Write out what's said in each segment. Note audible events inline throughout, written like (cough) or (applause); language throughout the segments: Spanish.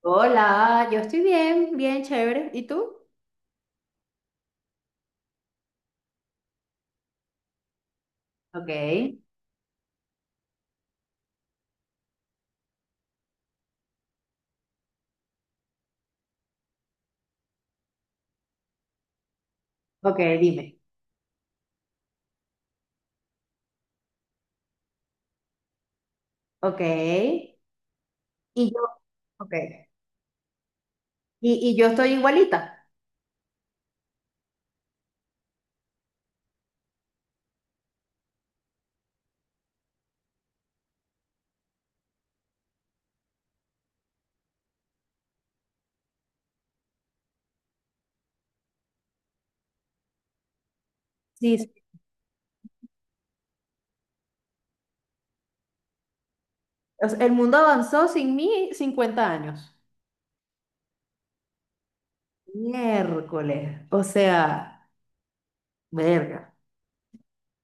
Hola, yo estoy bien, bien, chévere. ¿Y tú? Ok, ok, dime. Ok. Y yo, ok. Y yo estoy igualita. Sí, sí. O sea, el mundo avanzó sin mí 50 años. Miércoles. O sea, verga.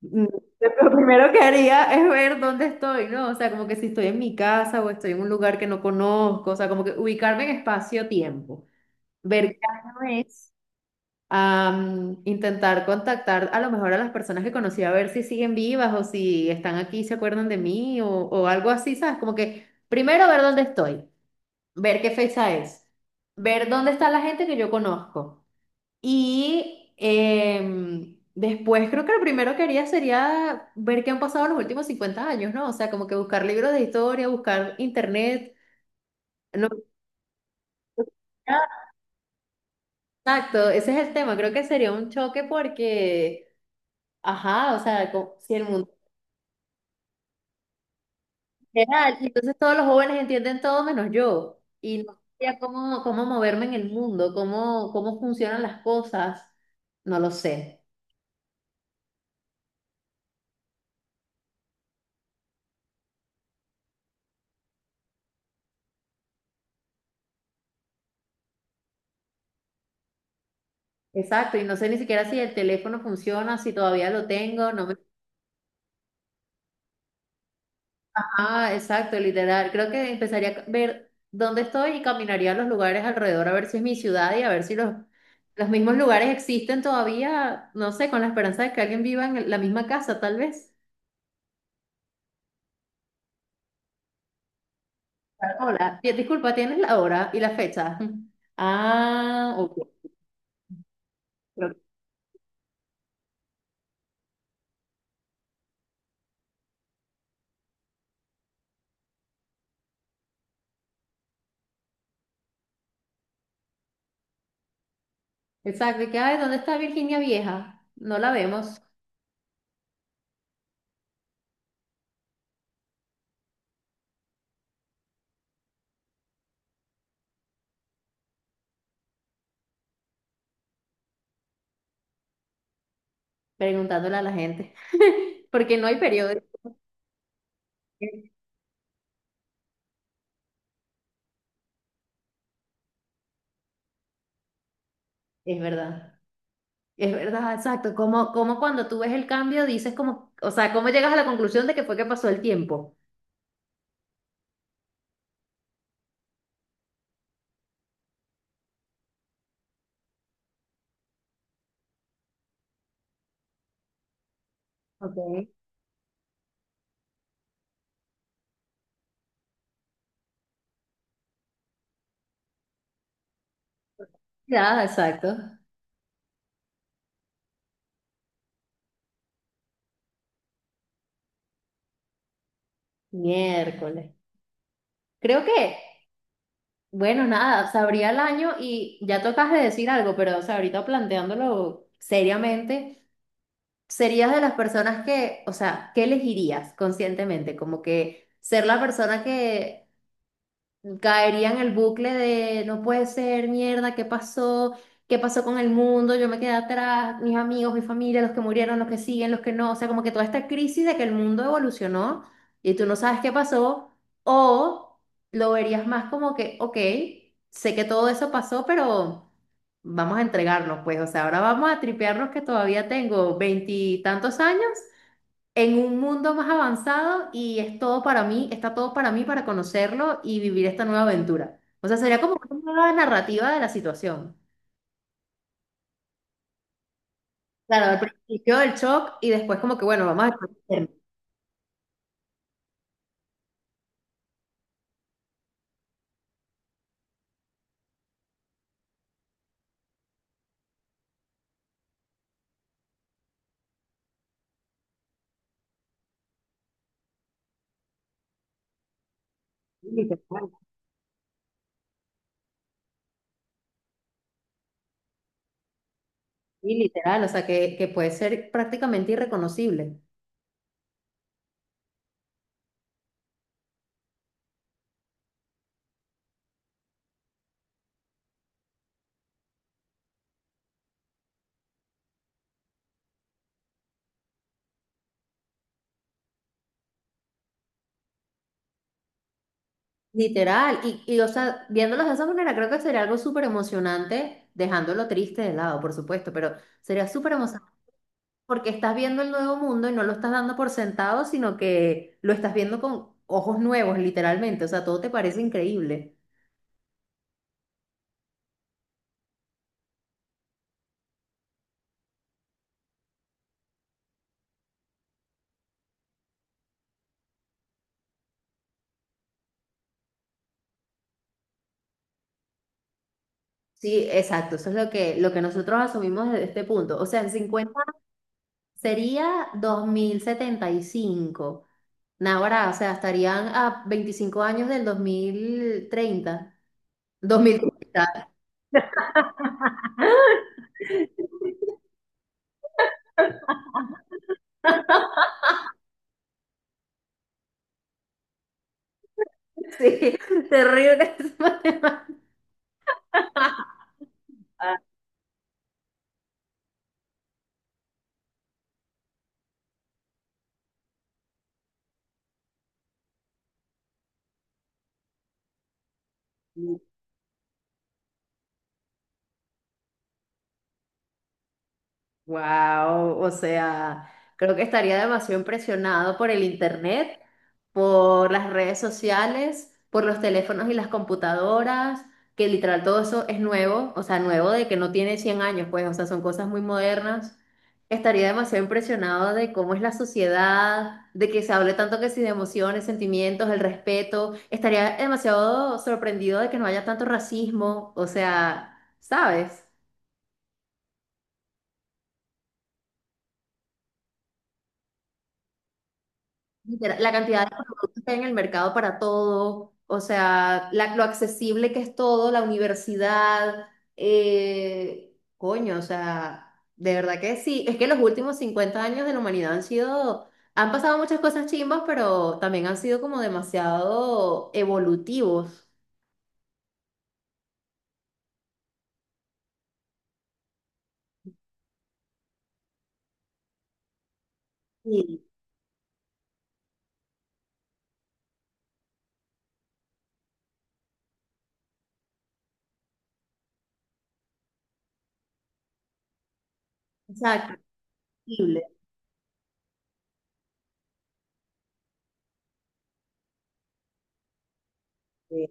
Mm, Lo primero que haría es ver dónde estoy, ¿no? O sea, como que si estoy en mi casa o estoy en un lugar que no conozco, o sea, como que ubicarme en espacio-tiempo. Ver qué año es. Intentar contactar a lo mejor a las personas que conocí a ver si siguen vivas o si están aquí, se acuerdan de mí o algo así, ¿sabes? Como que primero ver dónde estoy, ver qué fecha es, ver dónde está la gente que yo conozco. Y después creo que lo primero que haría sería ver qué han pasado los últimos 50 años, ¿no? O sea, como que buscar libros de historia, buscar internet. No, exacto, ese es el tema. Creo que sería un choque porque... Ajá, o sea, si el mundo. Literal, y entonces todos los jóvenes entienden todo menos yo. Y no sabía cómo moverme en el mundo, cómo funcionan las cosas. No lo sé. Exacto, y no sé ni siquiera si el teléfono funciona, si todavía lo tengo, no me... Ah, exacto, literal. Creo que empezaría a ver dónde estoy y caminaría a los lugares alrededor a ver si es mi ciudad y a ver si los mismos lugares existen todavía, no sé, con la esperanza de que alguien viva en la misma casa, tal vez. Hola, disculpa, ¿tienes la hora y la fecha? Ah, ok. Creo- Exacto, y que, ay, ¿dónde está Virginia Vieja? No la vemos, preguntándole a la gente, (laughs) porque no hay periódico. Es verdad, es verdad, exacto. Como cuando tú ves el cambio, dices como, o sea, ¿cómo llegas a la conclusión de que fue que pasó el tiempo? Ok. Ya, exacto. Miércoles. Creo que, bueno, nada, se abría el año y ya tocas de decir algo, pero, o sea, ahorita planteándolo seriamente. ¿Serías de las personas que, o sea, qué elegirías conscientemente? Como que ser la persona que caería en el bucle de no puede ser, mierda, ¿qué pasó? ¿Qué pasó con el mundo? Yo me quedé atrás, mis amigos, mi familia, los que murieron, los que siguen, los que no. O sea, como que toda esta crisis de que el mundo evolucionó y tú no sabes qué pasó. O lo verías más como que, ok, sé que todo eso pasó, pero vamos a entregarnos, pues, o sea, ahora vamos a tripearnos que todavía tengo veintitantos años en un mundo más avanzado y es todo para mí, está todo para mí para conocerlo y vivir esta nueva aventura. O sea, sería como una nueva narrativa de la situación. Claro, al principio el shock y después como que, bueno, vamos a ver. Literal, sí, literal, o sea, que puede ser prácticamente irreconocible. Literal, y o sea, viéndolos de esa manera, creo que sería algo súper emocionante, dejándolo triste de lado, por supuesto, pero sería súper emocionante porque estás viendo el nuevo mundo y no lo estás dando por sentado, sino que lo estás viendo con ojos nuevos, literalmente. O sea, todo te parece increíble. Sí, exacto. Eso es lo que nosotros asumimos desde este punto. O sea, en cincuenta sería 2075. Ahora, o sea, estarían a 25 años del dos mil treinta. 2030. Sí, (laughs) terrible. (laughs) Wow, o sea, creo que estaría demasiado impresionado por el internet, por las redes sociales, por los teléfonos y las computadoras, que literal todo eso es nuevo, o sea, nuevo de que no tiene 100 años, pues, o sea, son cosas muy modernas. Estaría demasiado impresionado de cómo es la sociedad, de que se hable tanto que si de emociones, sentimientos, el respeto. Estaría demasiado sorprendido de que no haya tanto racismo, o sea, ¿sabes? Literal, la cantidad de productos que hay en el mercado para todo, o sea, lo accesible que es todo, la universidad, coño, o sea, de verdad que sí. Es que los últimos 50 años de la humanidad han sido, han pasado muchas cosas chimbas, pero también han sido como demasiado evolutivos. Sí, exacto, accesible. Sí.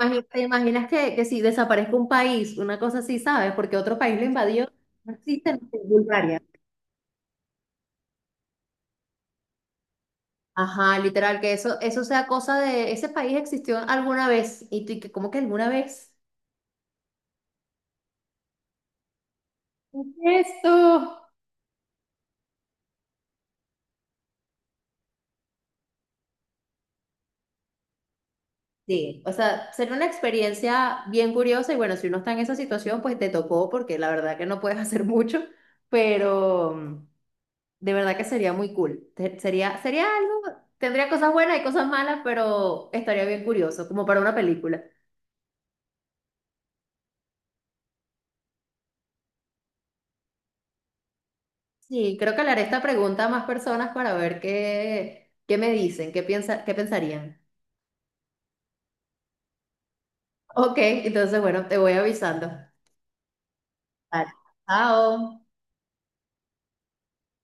¿Te imaginas que si desaparezca un país, una cosa así, ¿sabes? Porque otro país lo invadió, no existe no sé, Bulgaria. Ajá, literal, que eso sea cosa de ese país existió alguna vez y tú, y que ¿cómo que alguna vez? ¿Qué es esto? Sí, o sea, sería una experiencia bien curiosa y bueno, si uno está en esa situación, pues te tocó porque la verdad que no puedes (laughs) hacer mucho, pero de verdad que sería muy cool. Sería algo, tendría cosas buenas y cosas malas, pero estaría bien curioso, como para una película. Sí, creo que le haré esta pregunta a más personas para ver qué me dicen, qué piensa, qué pensarían. Ok, entonces bueno, te voy avisando. Vale. Chao.